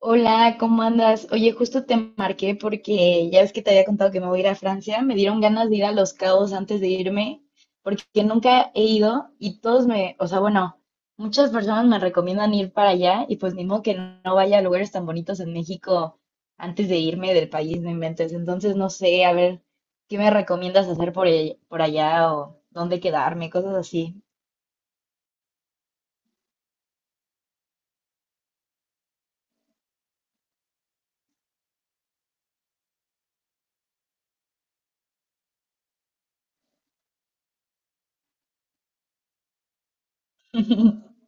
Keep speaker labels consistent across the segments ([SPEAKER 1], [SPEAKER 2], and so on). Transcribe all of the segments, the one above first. [SPEAKER 1] Hola, ¿cómo andas? Oye, justo te marqué porque ya ves que te había contado que me voy a ir a Francia. Me dieron ganas de ir a Los Cabos antes de irme, porque nunca he ido y todos me, o sea, bueno, muchas personas me recomiendan ir para allá y pues ni modo que no vaya a lugares tan bonitos en México antes de irme del país, no inventes. Entonces, no sé, a ver, ¿qué me recomiendas hacer por, por allá o dónde quedarme? Cosas así.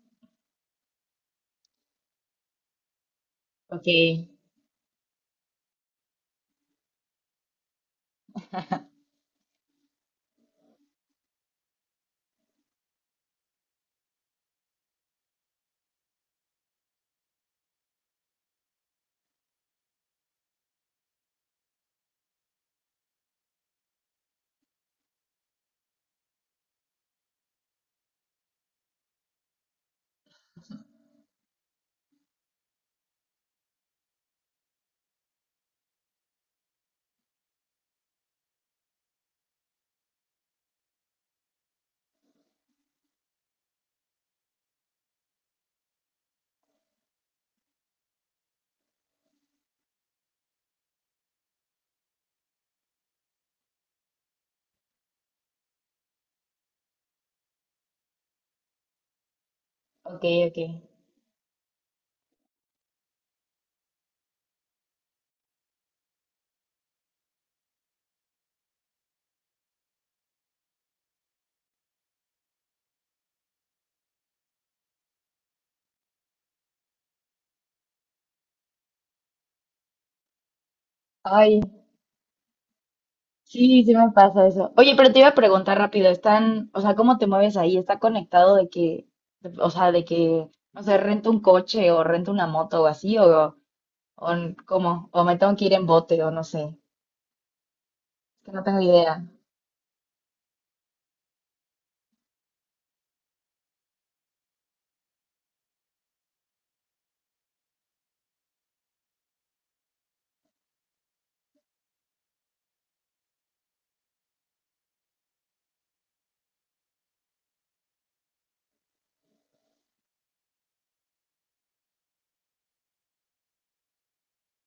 [SPEAKER 1] Ok, ok, ok. Ay. Sí, sí me pasa eso. Oye, pero te iba a preguntar rápido, están, o sea, ¿cómo te mueves ahí? ¿Está conectado de que, o sea, de que, no sé, rento un coche o rento una moto o así, o cómo, o me tengo que ir en bote? O no sé, es que no tengo idea.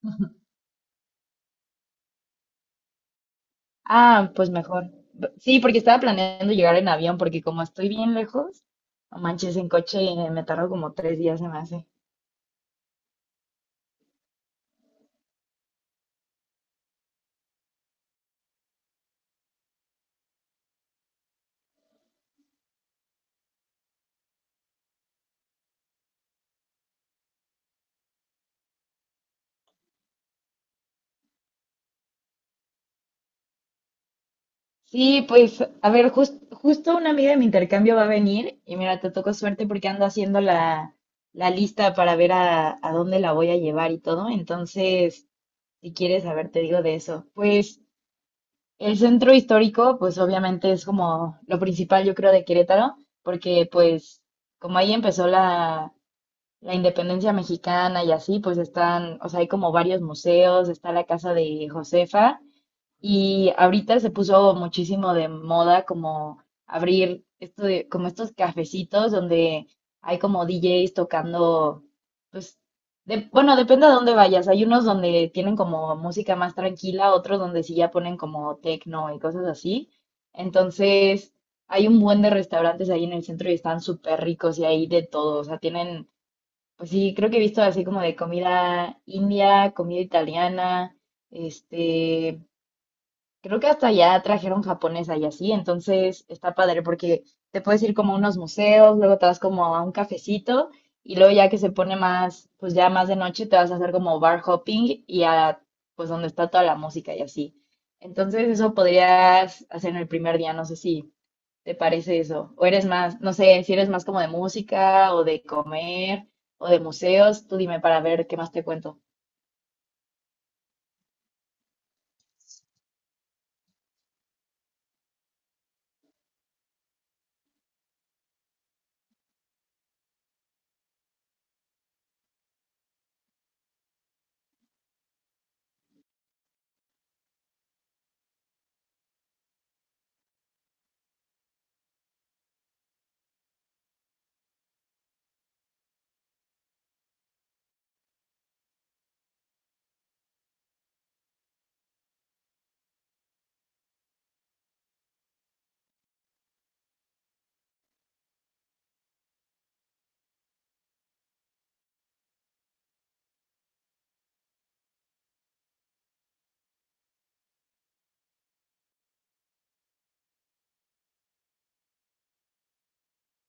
[SPEAKER 1] Ah, pues mejor. B- Sí, porque estaba planeando llegar en avión, porque como estoy bien lejos, no manches, en coche me tardo como tres días, se me hace. Sí, pues, a ver, justo una amiga de mi intercambio va a venir y mira, te tocó suerte porque ando haciendo la, la lista para ver a dónde la voy a llevar y todo. Entonces, si quieres saber, te digo de eso. Pues el centro histórico, pues obviamente es como lo principal, yo creo, de Querétaro, porque pues como ahí empezó la, la independencia mexicana y así, pues están, o sea, hay como varios museos, está la casa de Josefa. Y ahorita se puso muchísimo de moda como abrir esto como estos cafecitos donde hay como DJs tocando, pues, de- bueno, depende a dónde vayas. Hay unos donde tienen como música más tranquila, otros donde sí ya ponen como techno y cosas así. Entonces, hay un buen de restaurantes ahí en el centro y están súper ricos y hay de todo. O sea, tienen, pues sí, creo que he visto así como de comida india, comida italiana, este creo que hasta ya trajeron japonesa y así, entonces está padre porque te puedes ir como a unos museos, luego te vas como a un cafecito y luego ya que se pone más, pues ya más de noche te vas a hacer como bar hopping y a pues donde está toda la música y así. Entonces eso podrías hacer en el primer día, no sé si te parece eso, o eres más, no sé, si eres más como de música o de comer o de museos, tú dime para ver qué más te cuento.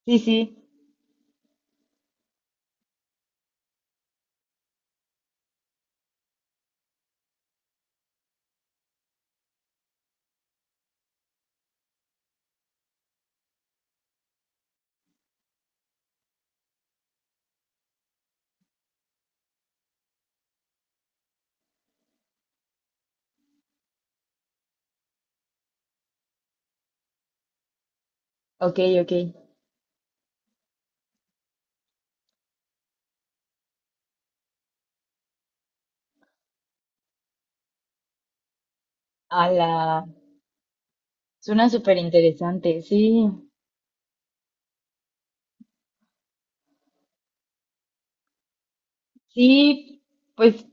[SPEAKER 1] Sí, sí, ok, ok. Ala. Suena súper interesante, sí, sí, pues,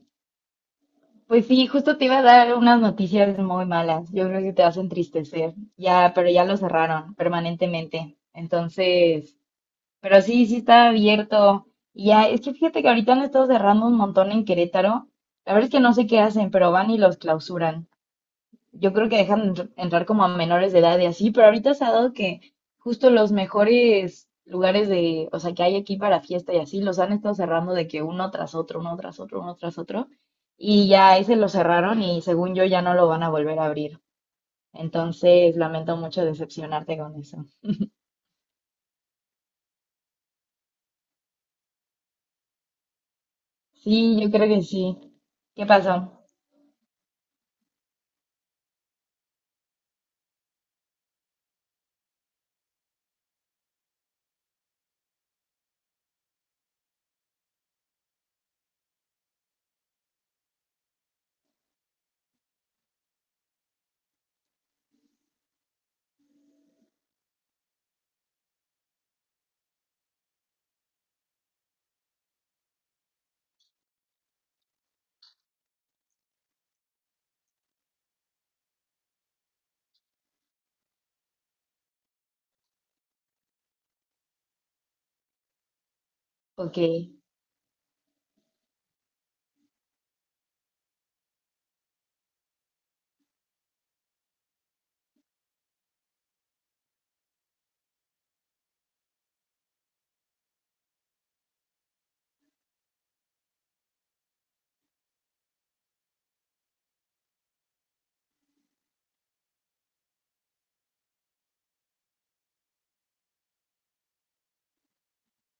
[SPEAKER 1] pues sí, justo te iba a dar unas noticias muy malas. Yo creo que te vas a entristecer. Ya, pero ya lo cerraron permanentemente. Entonces, pero sí, sí está abierto. Y ya, es que fíjate que ahorita han estado cerrando un montón en Querétaro. La verdad es que no sé qué hacen, pero van y los clausuran. Yo creo que dejan entrar como a menores de edad y así, pero ahorita se ha dado que justo los mejores lugares de, o sea, que hay aquí para fiesta y así, los han estado cerrando de que uno tras otro, uno tras otro, uno tras otro, y ya ese lo cerraron y según yo ya no lo van a volver a abrir. Entonces, lamento mucho decepcionarte con eso. Sí, yo creo que sí. ¿Qué pasó? Ok.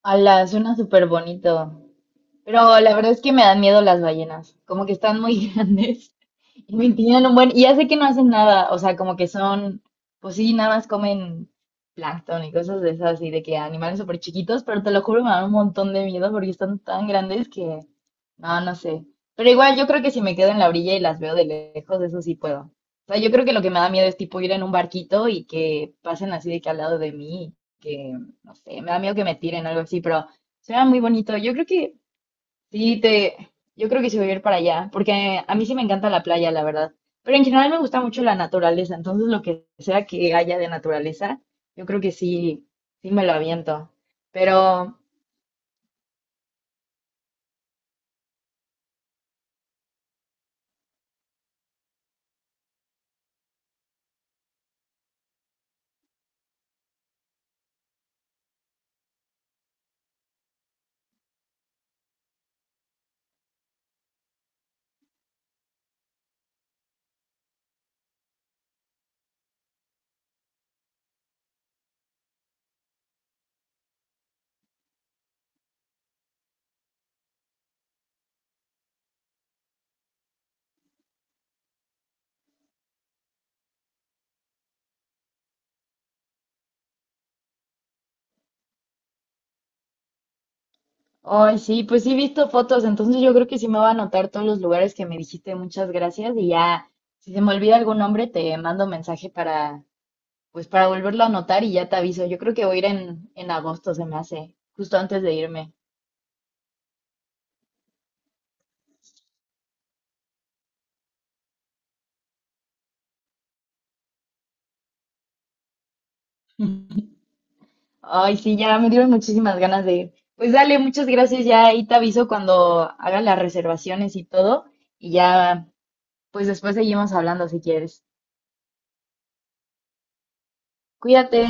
[SPEAKER 1] Ala, suena súper bonito. Pero la verdad es que me dan miedo las ballenas. Como que están muy grandes. Y me tienen un buen, y ya sé que no hacen nada, o sea, como que son, pues sí, nada más comen plancton y cosas de esas, y de que animales súper chiquitos, pero te lo juro, me dan un montón de miedo porque están tan grandes que, no, no sé. Pero igual yo creo que si me quedo en la orilla y las veo de lejos, eso sí puedo. O sea, yo creo que lo que me da miedo es tipo ir en un barquito y que pasen así de que al lado de mí, que, no sé, me da miedo que me tiren algo así, pero suena muy bonito. Yo creo que sí, te, yo creo que sí voy a ir para allá, porque a mí sí me encanta la playa, la verdad. Pero en general me gusta mucho la naturaleza, entonces lo que sea que haya de naturaleza, yo creo que sí, sí me lo aviento. Pero, hoy sí, pues sí he visto fotos, entonces yo creo que sí me va a anotar todos los lugares que me dijiste, muchas gracias, y ya, si se me olvida algún nombre, te mando mensaje para, pues para volverlo a anotar y ya te aviso. Yo creo que voy a ir en agosto, se me hace, justo antes de irme. Ay, sí, ya me dieron muchísimas ganas de ir. Pues dale, muchas gracias. Ya ahí te aviso cuando haga las reservaciones y todo. Y ya, pues después seguimos hablando si quieres. Cuídate.